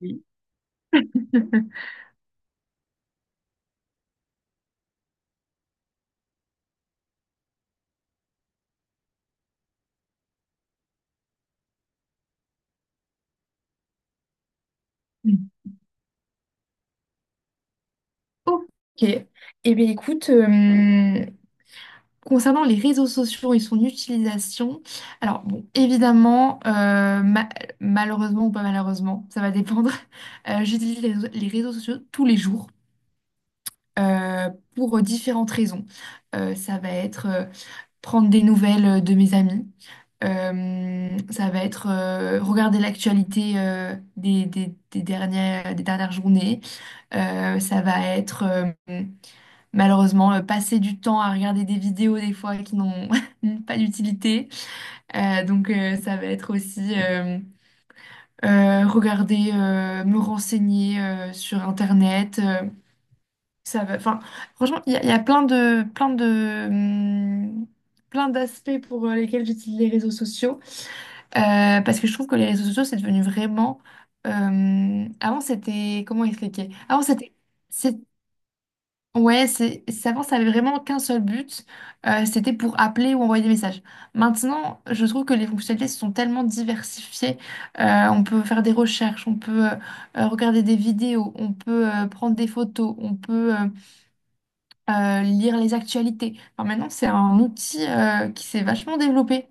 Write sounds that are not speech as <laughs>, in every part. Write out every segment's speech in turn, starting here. Oui. <laughs> Ok. Eh bien, écoute, concernant les réseaux sociaux et son utilisation, alors, bon, évidemment, malheureusement ou pas malheureusement, ça va dépendre, <laughs> j'utilise les réseaux sociaux tous les jours euh, pour différentes raisons. Ça va être prendre des nouvelles de mes amis. Ça va être regarder l'actualité des dernières journées. Ça va être malheureusement passer du temps à regarder des vidéos des fois qui n'ont <laughs> pas d'utilité. Donc ça va être aussi regarder, me renseigner sur Internet. Ça va, enfin, franchement, il y a plein d'aspects pour lesquels j'utilise les réseaux sociaux. Parce que je trouve que les réseaux sociaux, c'est devenu vraiment. Avant, c'était. Comment expliquer? Avant, c'était. c'est- Ouais, avant, ça avait vraiment qu'un seul but. C'était pour appeler ou envoyer des messages. Maintenant, je trouve que les fonctionnalités se sont tellement diversifiées. On peut faire des recherches, on peut regarder des vidéos, on peut prendre des photos, on peut lire les actualités. Enfin, maintenant, c'est un outil qui s'est vachement développé.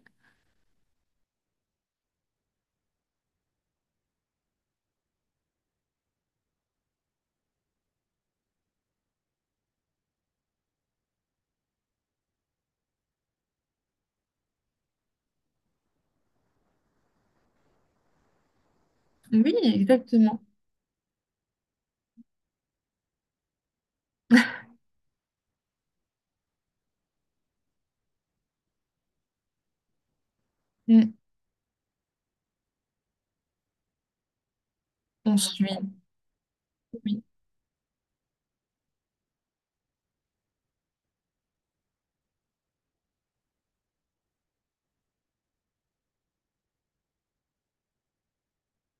Oui, exactement. Mm. On suit. Oui,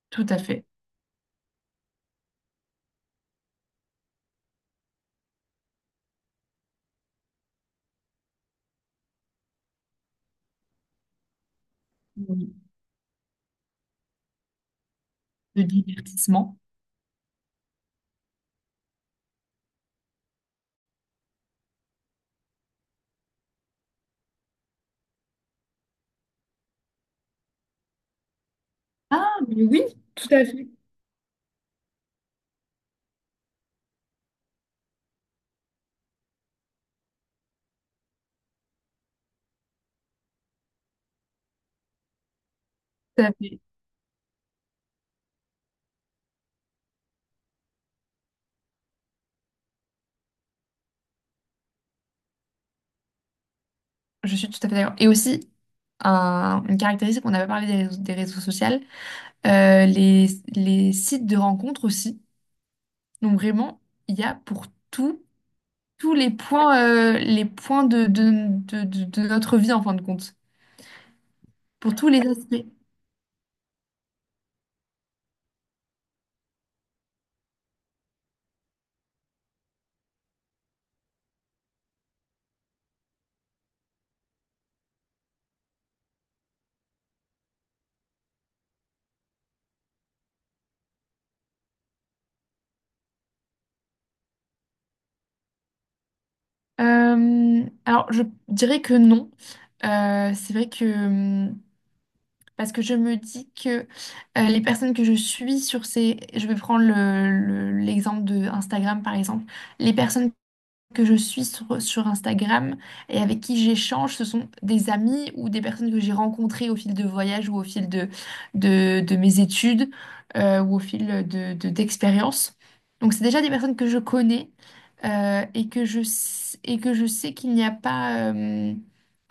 tout à fait. Oui. Le divertissement. Ah, mais oui, tout à fait. Tout à fait. Je suis tout à fait d'accord. Et aussi, une caractéristique, on avait parlé des des réseaux sociaux, euh, les, les sites de rencontres aussi. Donc vraiment, il y a pour tout, tous les points de notre vie en fin de compte, pour tous les aspects. Alors, je dirais que non. C'est vrai que parce que je me dis que les personnes que je suis sur ces, je vais prendre l'exemple de Instagram par exemple, les personnes que je suis sur Instagram et avec qui j'échange, ce sont des amis ou des personnes que j'ai rencontrées au fil de voyages ou au fil de mes études ou au fil d'expériences. Donc c'est déjà des personnes que je connais et que je sais qu'il n'y a pas enfin,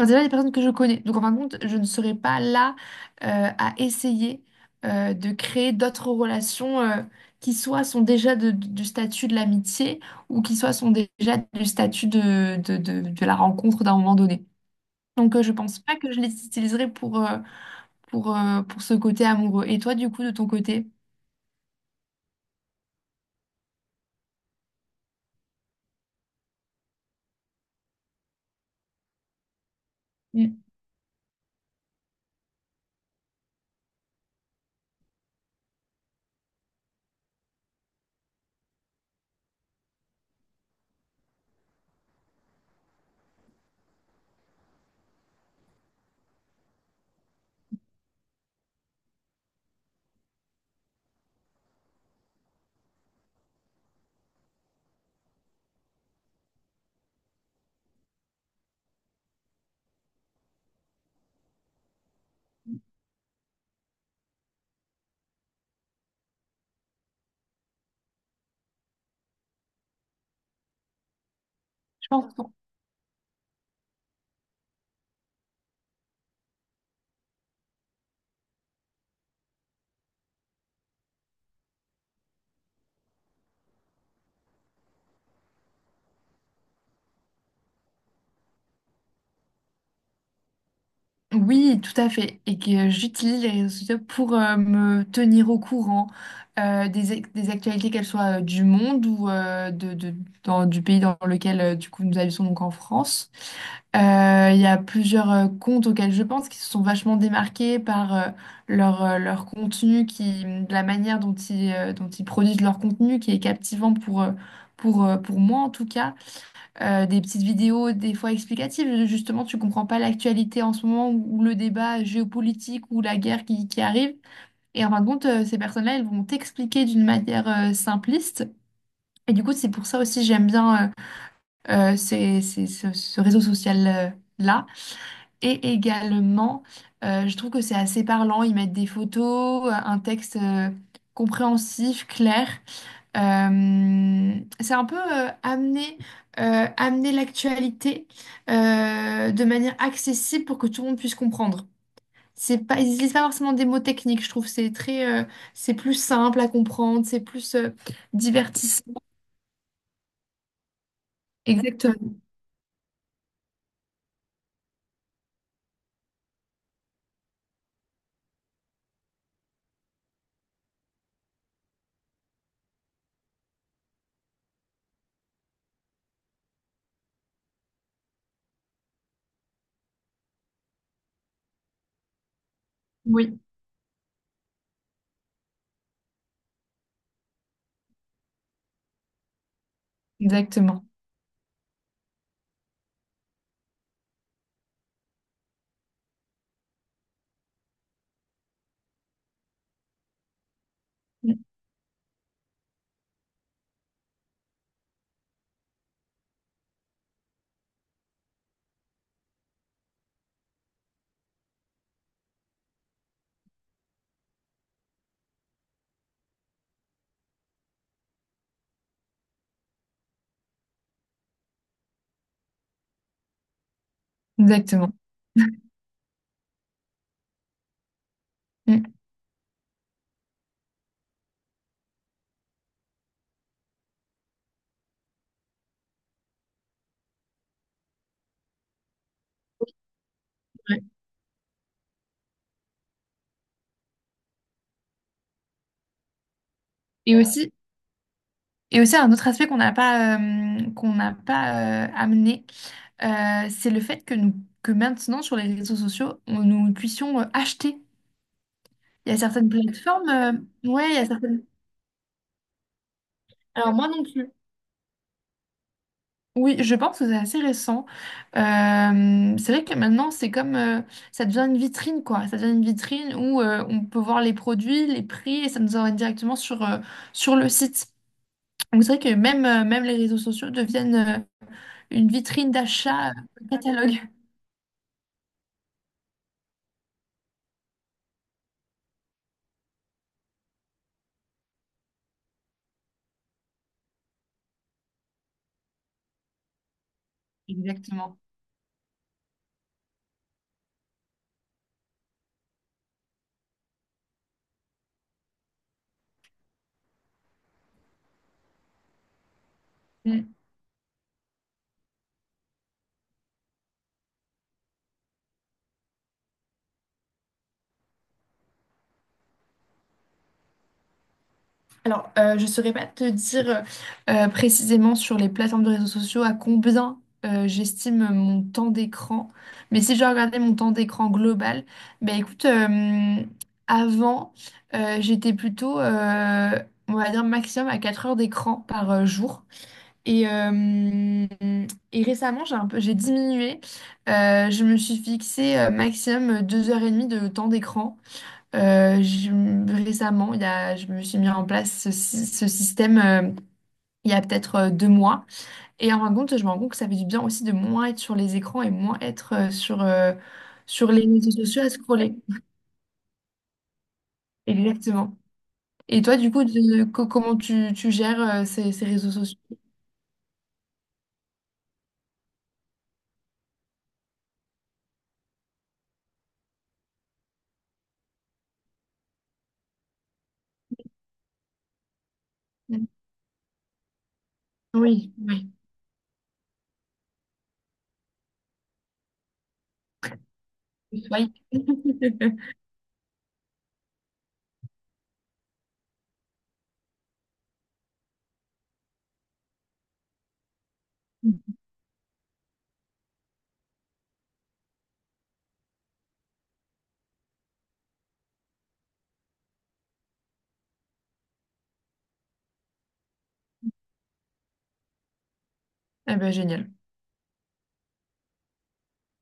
c'est déjà des personnes que je connais. Donc en fin de compte, je ne serai pas là à essayer de créer d'autres relations qui soient sont déjà du statut de l'amitié ou qui soit sont déjà du statut de la rencontre d'un moment donné. Donc, je pense pas que je les utiliserai pour ce côté amoureux. Et toi, du coup, de ton côté? Mm. Je pense. Oui, tout à fait. Et que j'utilise les réseaux sociaux pour me tenir au courant des actualités, qu'elles soient du monde ou du pays dans lequel du coup nous habitons, donc en France. Il y a plusieurs comptes auxquels je pense qui se sont vachement démarqués par leur contenu, qui, de la manière dont dont ils produisent leur contenu, qui est captivant pour moi en tout cas des petites vidéos des fois explicatives. Justement, tu comprends pas l'actualité en ce moment ou le débat géopolitique ou la guerre qui arrive. Et en fin de compte, ces personnes-là, elles vont t'expliquer d'une manière simpliste. Et du coup, c'est pour ça aussi j'aime bien ce réseau social-là. Et également, je trouve que c'est assez parlant. Ils mettent des photos, un texte compréhensif, clair. C'est un peu amener, amener l'actualité de manière accessible pour que tout le monde puisse comprendre. C'est pas, ils utilisent pas forcément des mots techniques, je trouve. C'est très, c'est plus simple à comprendre, c'est plus divertissant. Exactement. Oui, exactement. Mm. Exactement. Mm, ouais. Et aussi, et aussi un autre aspect qu'on n'a pas amené, c'est le fait que nous, que maintenant sur les réseaux sociaux, nous puissions acheter. Il y a certaines plateformes. Ouais, il y a certaines. Alors, moi non plus. Oui, je pense que c'est assez récent. C'est vrai que maintenant, c'est comme. Ça devient une vitrine, quoi. Ça devient une vitrine où on peut voir les produits, les prix, et ça nous emmène directement sur, sur le site. Donc, c'est vrai que même, même les réseaux sociaux deviennent une vitrine d'achat, catalogue. Exactement. Alors, je ne saurais pas te dire précisément sur les plateformes de réseaux sociaux à combien j'estime mon temps d'écran. Mais si je regardais mon temps d'écran global, ben écoute, avant, j'étais plutôt, on va dire, maximum à 4 heures d'écran par jour. Et, euh, et récemment, j'ai un peu, j'ai diminué. Je me suis fixé maximum 2 h 30 de temps d'écran. Récemment, je me suis mis en place ce système il y a peut-être 2 mois. Et en fin de compte, je me rends compte que ça fait du bien aussi de moins être sur les écrans et moins être sur, sur les réseaux sociaux à scroller. Exactement. Et toi, du coup, comment tu gères ces réseaux sociaux? Oui, oui. Oui. <laughs> Eh ben, génial.